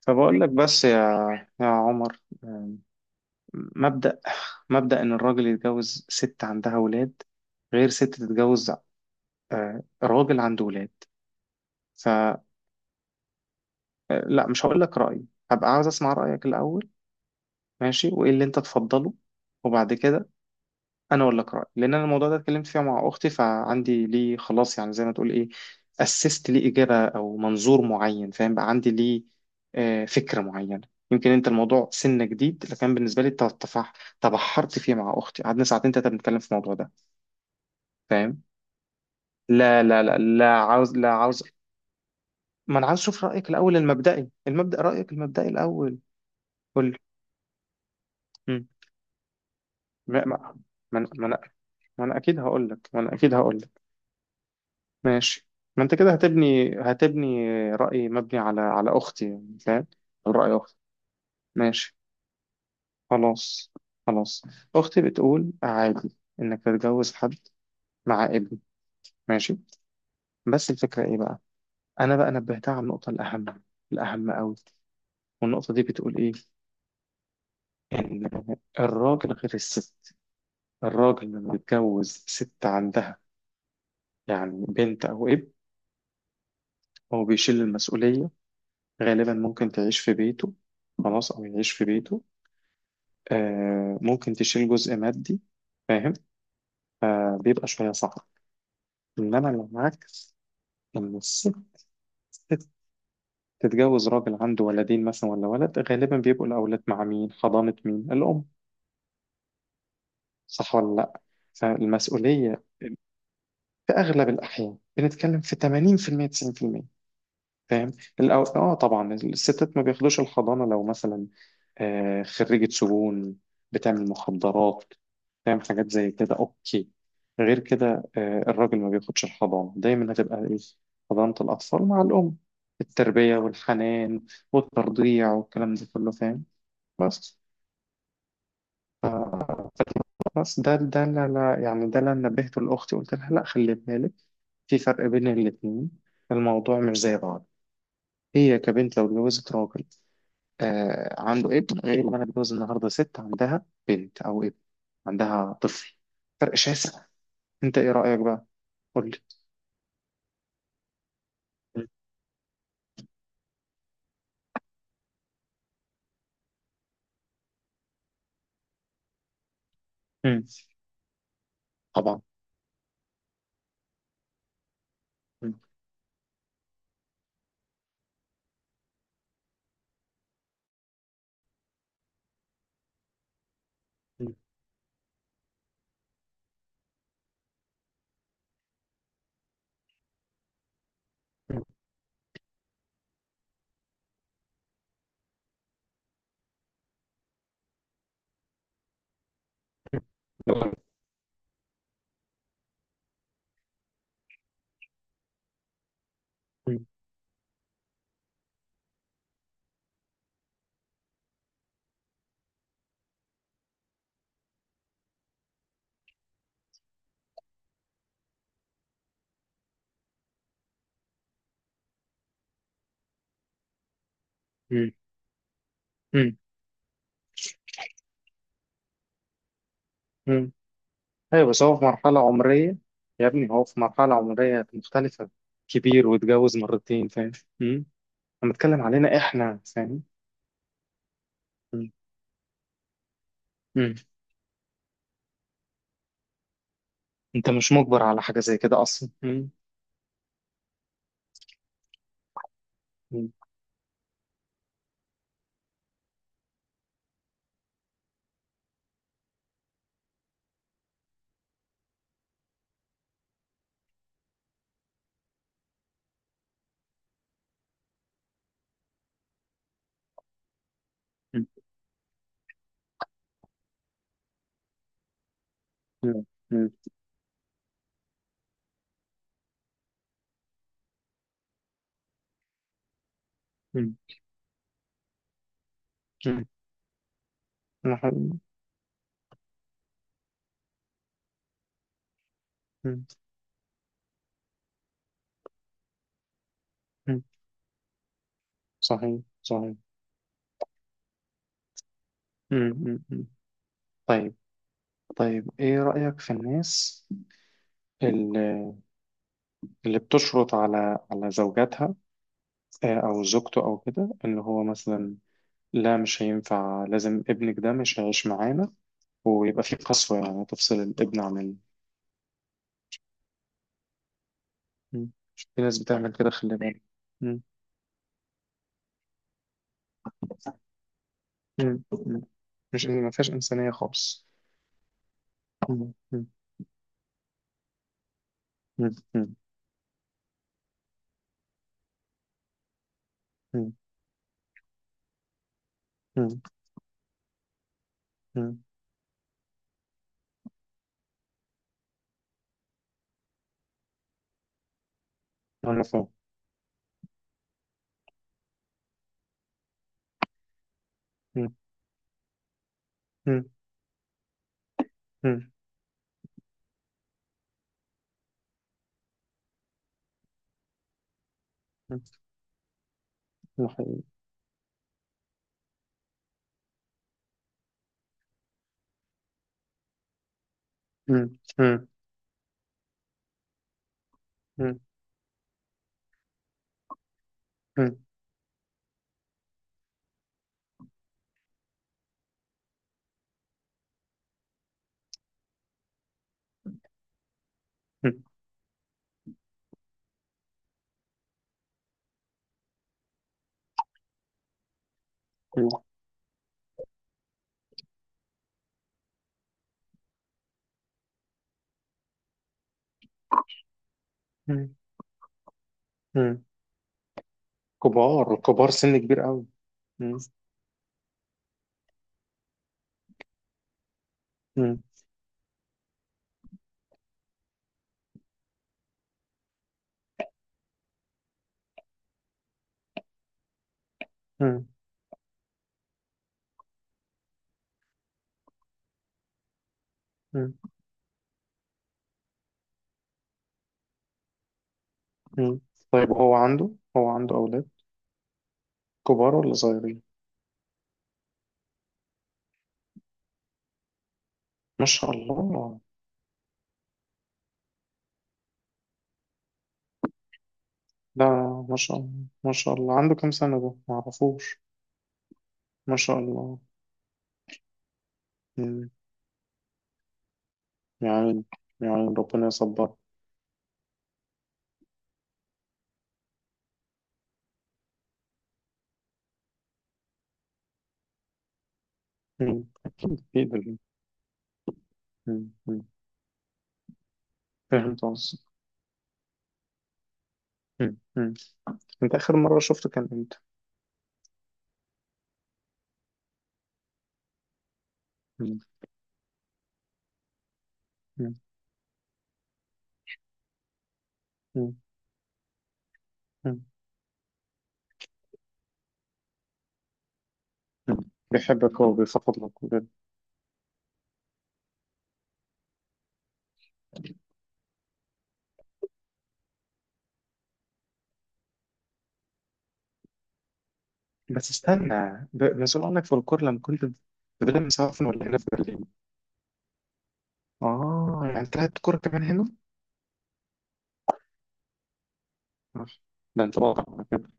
فبقول لك بس يا عمر، مبدأ مبدأ إن الراجل يتجوز ست عندها ولاد غير ست تتجوز آه، راجل عنده ولاد، فلا. مش هقول لك رأيي، هبقى عاوز أسمع رأيك الأول. ماشي، وإيه اللي أنت تفضله وبعد كده. انا اقول لك رايي، لان انا الموضوع ده اتكلمت فيه مع اختي، فعندي ليه خلاص، يعني زي ما تقول ايه، اسست ليه اجابه او منظور معين، فاهم؟ بقى عندي ليه آه، فكره معينه. يمكن انت الموضوع سنه جديد، لكن بالنسبه لي تبحرت فيه مع اختي، قعدنا ساعتين تلاته بنتكلم في الموضوع ده. فاهم؟ لا عاوز. ما انا عاوز اشوف رايك الاول المبدئي، المبدا رايك المبدئي الاول. قول لي. مم. ما ما ما انا ما أنا- ما أنا اكيد هقول لك، ما انا اكيد هقول. ماشي. ما انت كده هتبني رأي مبني على اختي يعني، فاهم؟ او رأي اختي. ماشي. خلاص. خلاص. اختي بتقول عادي انك تتجوز حد مع ابن. ماشي. بس الفكرة ايه بقى؟ انا بقى نبهتها على النقطة الاهم، الاهم قوي. والنقطة دي بتقول ايه؟ ان الراجل غير الست. الراجل لما بيتجوز ست عندها يعني بنت او ابن، هو بيشيل المسؤولية. غالبا ممكن تعيش في بيته، خلاص، او يعيش في بيته. آه، ممكن تشيل جزء مادي، فاهم؟ آه، بيبقى شوية صعب. إنما لو العكس، لما الست، ست تتجوز راجل عنده ولدين مثلا ولا ولد، غالبا بيبقوا الأولاد مع مين؟ حضانة مين؟ الأم. صح ولا لأ؟ فالمسؤولية في أغلب الأحيان، بنتكلم في 80%، 90%. فاهم؟ اه طبعا الستات ما بياخدوش الحضانه لو مثلا آه خريجه سجون، بتعمل مخدرات، فاهم، حاجات زي كده. اوكي، غير كده آه الراجل ما بياخدش الحضانه، دايما هتبقى ايه؟ حضانه الاطفال مع الام، التربيه والحنان والترضيع والكلام ده كله، فاهم؟ بس، ده لا لا يعني ده اللي أنا نبهته لاختي، قلت لها لا، خلي بالك، في فرق بين الاثنين، الموضوع مش زي بعض. هي كبنت لو اتجوزت راجل آه عنده ابن، غير اللي انا بتجوز النهارده ست عندها بنت او ابن، عندها طفل. فرق شاسع. انت ايه رأيك بقى؟ قول لي. مم. طبعا. مم. مم. مم. مم. مم. مم. ايوه، بس هو في مرحلة عمرية، يا ابني هو في مرحلة عمرية مختلفة، كبير واتجوز مرتين، فاهم؟ مم. انا بتكلم علينا احنا، فاهم؟ مم. مم. انت مش مجبر على حاجة زي كده اصلا. مم. مم. مم. مم. مم. مم. مم. صحيح صحيح. امم طيب. طيب ايه رأيك في الناس اللي, اللي بتشرط على زوجاتها آه، او زوجته او كده، ان هو مثلا لا مش هينفع، لازم ابنك ده مش هيعيش معانا، ويبقى في قسوة يعني، تفصل الابن عن مم. في ناس بتعمل كده، خلي بالك. مم. مم. مم. مش ما فيهاش إنسانية خالص. مم. مم. مم. مم. مم. مم. مم. انا فاهم. مم. مم. مم. مم. ده حقيقي. مم. مم. مم. مم. مم. مم. كبار كبار، سن كبير قوي. مم. مم. مم. مم. مم. طيب هو عنده، هو عنده أولاد كبار ولا صغيرين؟ ما شاء الله. ده ما شاء الله. ما شاء الله، عنده كام سنة ده ما اعرفوش. ما شاء الله. مم. يعني، يعني ربنا يصبر. مم. أكيد. أكيد. مم. مم. فهمت قصدك. مم. مم. أنت آخر مرة شفته كان إمتى؟ مم. مم. مم. مم. بيحبك، هو بيفضلك. بس استنى، مسؤول عنك في الكورة لما كنت في برلين مسافر، ولا هنا في برلين؟ آه، يعني تلعب كورة كمان هنا؟ آه، ده أنت بطل على كده.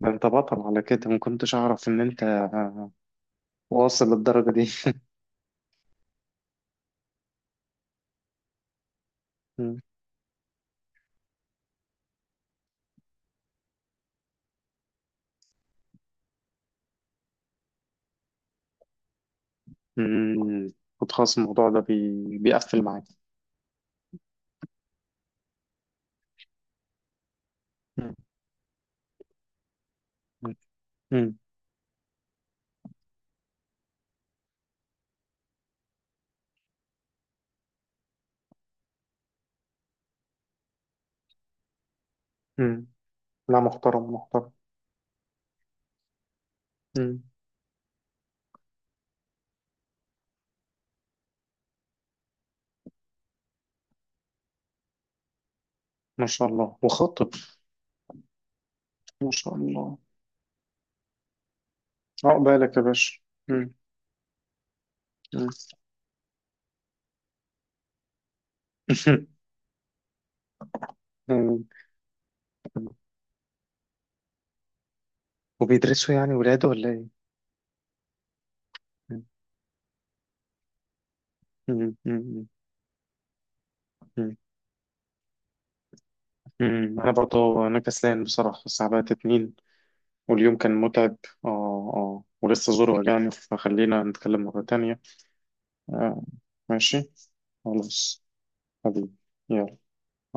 ده أنت بطل على كده، ما كنتش أعرف إن أنت آه، واصل للدرجة دي. مم. مم. كنت خلاص الموضوع ده بيقفل معاك. مم. مم. مم. لا، محترم محترم. مم. ما شاء الله، وخطب. ما شاء الله. عقبالك يا باشا. مم. مم. مم. وبيدرسوا يعني ولاده ولا إيه؟ مم. مم. مم. مم. انا برضه انا كسلان بصراحه، الساعه بقت 2، واليوم كان متعب. اه اه، ولسه زور وجعني، فخلينا نتكلم مره تانية. آه. ماشي. خلاص. حبيبي. يلا.